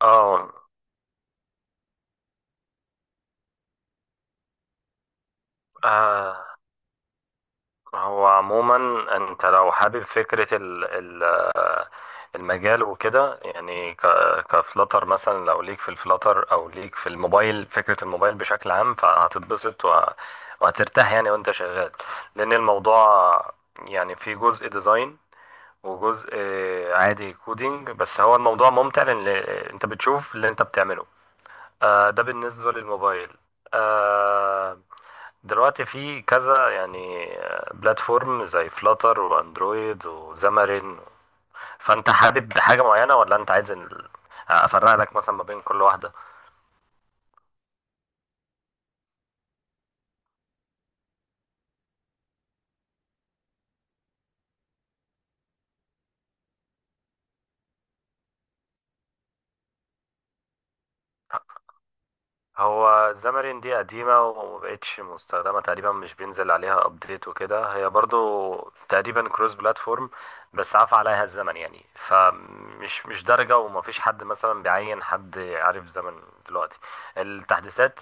اه آه، هو عموما، انت لو حابب فكرة ال المجال وكده يعني كفلتر مثلا، لو ليك في الفلتر او ليك في الموبايل، فكرة الموبايل بشكل عام، فهتتبسط وهترتاح يعني وانت شغال. لان الموضوع يعني في جزء ديزاين وجزء عادي كودينج، بس هو الموضوع ممتع لان انت بتشوف اللي انت بتعمله. ده بالنسبة للموبايل. آه، دلوقتي في كذا يعني بلاتفورم زي فلاتر واندرويد وزامرين، فانت حابب حاجة معينة ولا انت عايز افرق لك مثلا ما بين كل واحدة؟ هو زامرين دي قديمة ومبقتش مستخدمة تقريبا، مش بينزل عليها ابديت وكده. هي برضو تقريبا كروس بلاتفورم، بس عفى عليها الزمن يعني، فمش مش درجة، ومفيش حد مثلا بيعين حد عارف زمن دلوقتي التحديثات.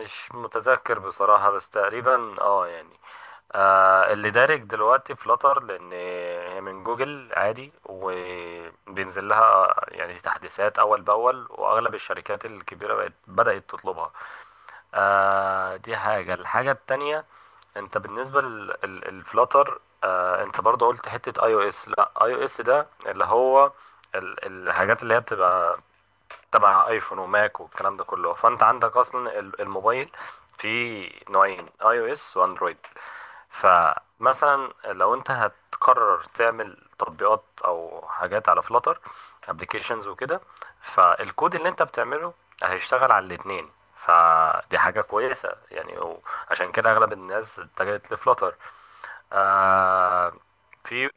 مش متذكر بصراحة، بس تقريبا يعني اللي دارج دلوقتي فلاتر، لأن هي من جوجل عادي وبينزل لها يعني تحديثات أول بأول، وأغلب الشركات الكبيرة بقت بدأت تطلبها. دي حاجة. الحاجة التانية، انت بالنسبة للفلاتر، انت برضو قلت حتة اي او اس. لا، اي او اس ده اللي هو الحاجات اللي هي بتبقى تبع ايفون وماك والكلام ده كله. فانت عندك اصلا الموبايل فيه نوعين، اي او اس واندرويد. فمثلا لو انت هتقرر تعمل تطبيقات او حاجات على فلاتر، ابلكيشنز وكده، فالكود اللي انت بتعمله هيشتغل على الاتنين. فدي حاجة كويسة يعني، عشان كده اغلب الناس اتجهت لفلاتر. آه في.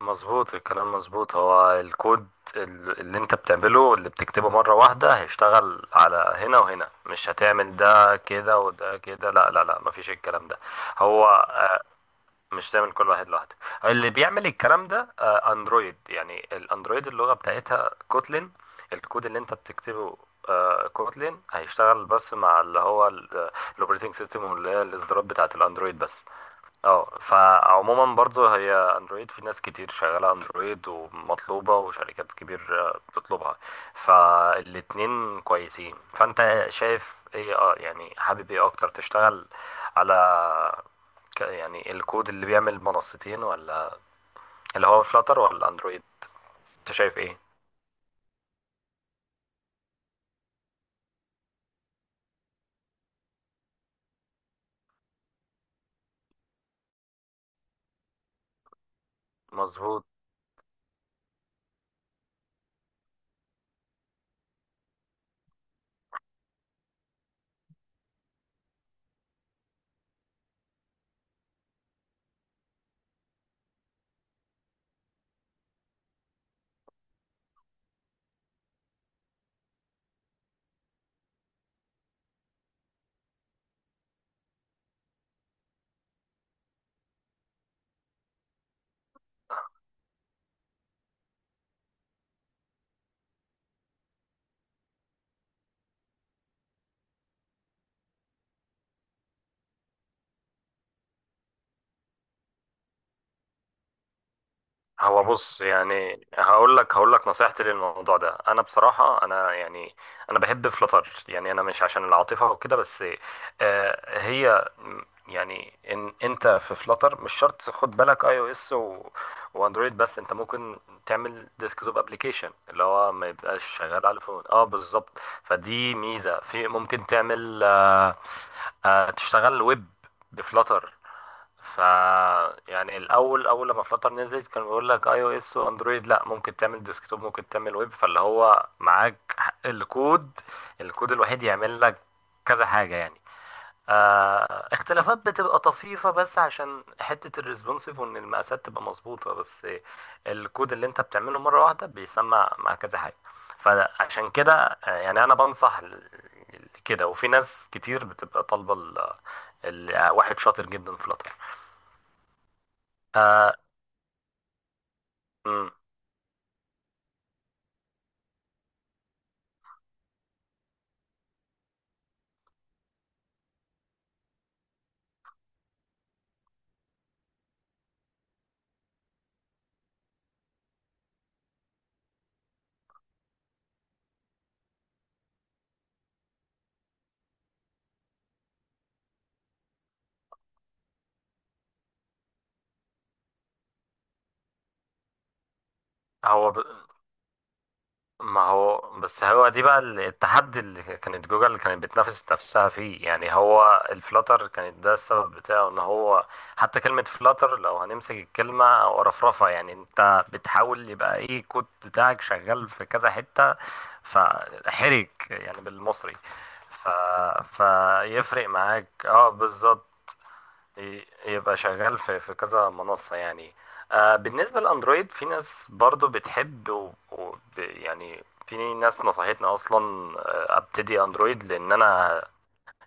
مظبوط. الكلام مظبوط. هو الكود اللي انت بتعمله اللي بتكتبه مرة واحدة هيشتغل على هنا وهنا، مش هتعمل ده كده وده كده. لا، لا، لا، مفيش الكلام ده. هو. مش تعمل كل واحد لوحده. اللي بيعمل الكلام ده اندرويد يعني، الاندرويد اللغة بتاعتها كوتلين. الكود اللي انت بتكتبه كوتلين هيشتغل بس مع اللي هو الاوبريتنج سيستم، واللي هي الاصدارات بتاعت الاندرويد بس. اه فعموما برضو هي اندرويد، في ناس كتير شغالة اندرويد ومطلوبة، وشركات كبير بتطلبها. فالاتنين كويسين. فانت شايف ايه يعني، حابب ايه اكتر تشتغل على يعني الكود اللي بيعمل منصتين، ولا اللي هو فلاتر، ولا اندرويد؟ انت شايف ايه؟ مظبوط. هو بص يعني، هقول لك نصيحتي للموضوع ده. انا بصراحه انا يعني انا بحب فلتر، يعني انا مش عشان العاطفه وكده بس. هي يعني ان انت في فلتر مش شرط خد بالك اي او اس واندرويد، بس انت ممكن تعمل ديسكتوب ابلكيشن اللي هو ما يبقاش شغال على الفون. اه، بالظبط. فدي ميزه، في ممكن تعمل تشتغل ويب بفلتر. ف يعني الاول لما فلاتر نزلت كان بيقول لك اي او اس واندرويد. لا، ممكن تعمل ديسكتوب، ممكن تعمل ويب. فاللي هو معاك حق، الكود الوحيد يعمل لك كذا حاجه يعني. اختلافات بتبقى طفيفه بس، عشان حته الريسبونسيف وان المقاسات تبقى مظبوطه. بس الكود اللي انت بتعمله مره واحده بيسمع مع كذا حاجه. فعشان كده يعني انا بنصح كده، وفي ناس كتير بتبقى طالبه واحد شاطر جدا في فلاتر. آه مم. هو ب... ما هو بس هو دي بقى التحدي اللي كانت جوجل كانت بتنافس نفسها فيه يعني. هو الفلاتر كانت ده السبب بتاعه، ان هو حتى كلمة فلاتر لو هنمسك الكلمة ورفرفة، يعني انت بتحاول يبقى ايه الكود بتاعك شغال في كذا حتة. فحرك يعني بالمصري. ف... فيفرق معاك اه بالظبط. يبقى شغال في كذا منصة يعني. بالنسبة للأندرويد، في ناس برضو بتحب يعني في ناس نصحتني أصلا أبتدي أندرويد، لأن أنا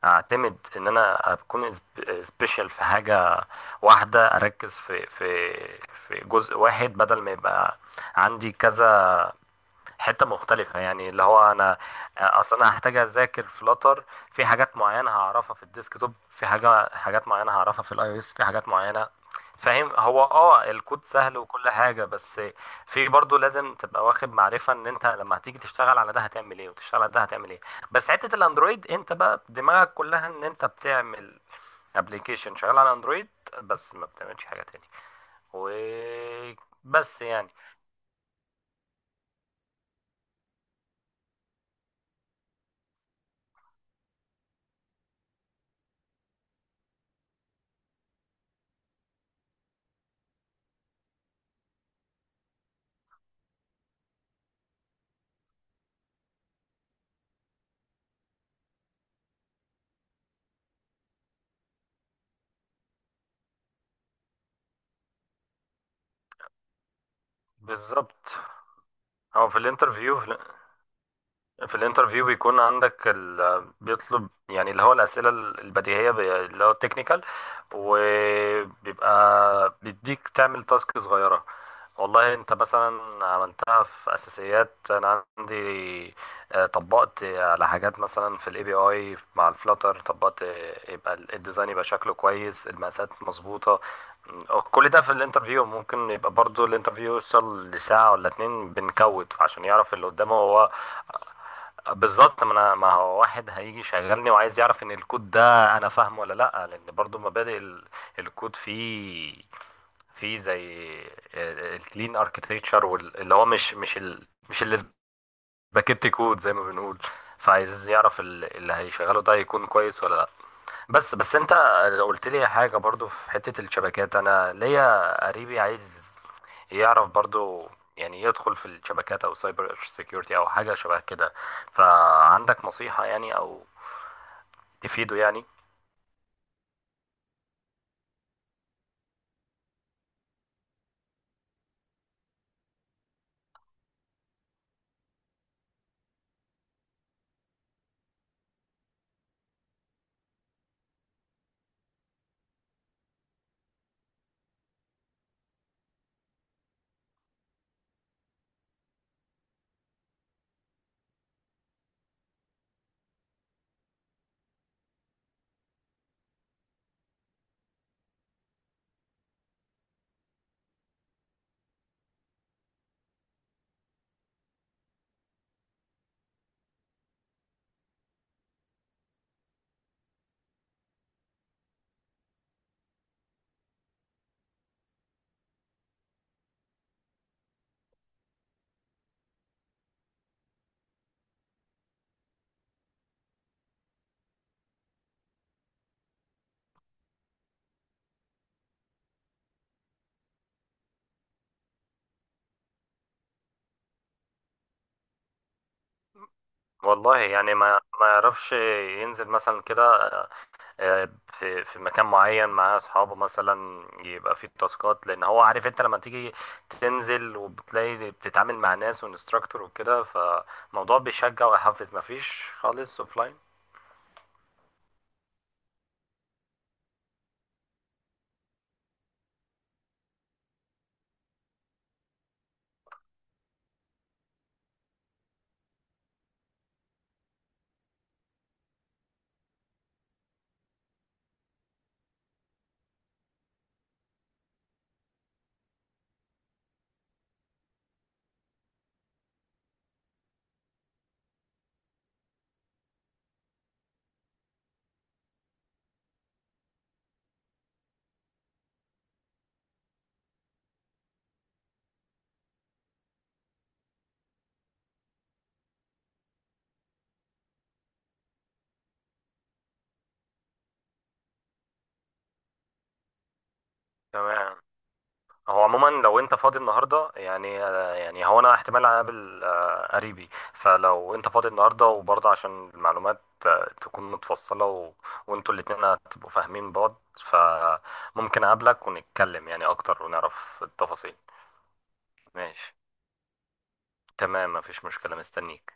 أعتمد إن أنا أكون سبيشال في حاجة واحدة، أركز في جزء واحد بدل ما يبقى عندي كذا حتة مختلفة يعني. اللي هو أنا أصلا أنا هحتاج أذاكر فلاتر، في حاجات معينة هعرفها في الديسكتوب، في حاجة حاجات معينة هعرفها في الأي أو إس، في حاجات معينة. فاهم. هو الكود سهل وكل حاجة بس، في برضه لازم تبقى واخد معرفة ان انت لما هتيجي تشتغل على ده هتعمل ايه، وتشتغل على ده هتعمل ايه. بس حتة الاندرويد انت بقى دماغك كلها ان انت بتعمل ابلكيشن شغال على اندرويد بس، ما بتعملش حاجة تاني وبس يعني. بالظبط. هو في الانترفيو بيكون عندك بيطلب يعني اللي هو الأسئلة البديهية، اللي هو التكنيكال، وبيبقى بيديك تعمل تاسك صغيرة. والله انت مثلا عملتها في اساسيات انا عندي، طبقت على حاجات مثلا في الاي بي اي مع الفلاتر، طبقت يبقى الديزاين يبقى شكله كويس، المقاسات مظبوطه. كل ده في الانترفيو ممكن يبقى برضو الانترفيو يوصل لساعه ولا اتنين بنكود، عشان يعرف اللي قدامه هو. بالظبط. ما انا، ما هو واحد هيجي يشغلني وعايز يعرف ان الكود ده انا فاهمه ولا لا، لان برضو مبادئ الكود فيه زي الكلين اركتكتشر، اللي هو مش اللي سباكيت كود زي ما بنقول. فعايز يعرف اللي هيشغله ده يكون كويس ولا لا. بس انت قلت لي حاجه برضو في حته الشبكات. انا ليا قريبي عايز يعرف برضو يعني، يدخل في الشبكات او سايبر سيكيورتي او حاجه شبه كده. فعندك نصيحه يعني، او تفيده يعني؟ والله يعني، ما يعرفش ينزل مثلا كده آه، في مكان معين مع اصحابه، مثلا يبقى فيه تاسكات، لان هو عارف انت لما تيجي تنزل وبتلاقي بتتعامل مع ناس وانستراكتور وكده، فالموضوع بيشجع ويحفز. ما فيش خالص اوفلاين. تمام. هو عموما لو انت فاضي النهارده يعني هو انا احتمال اقابل قريبي. فلو انت فاضي النهارده وبرضه عشان المعلومات تكون متفصله وانتوا الاتنين هتبقوا فاهمين بعض، فممكن اقابلك ونتكلم يعني اكتر ونعرف التفاصيل. ماشي. تمام. مفيش مشكله. مستنيك.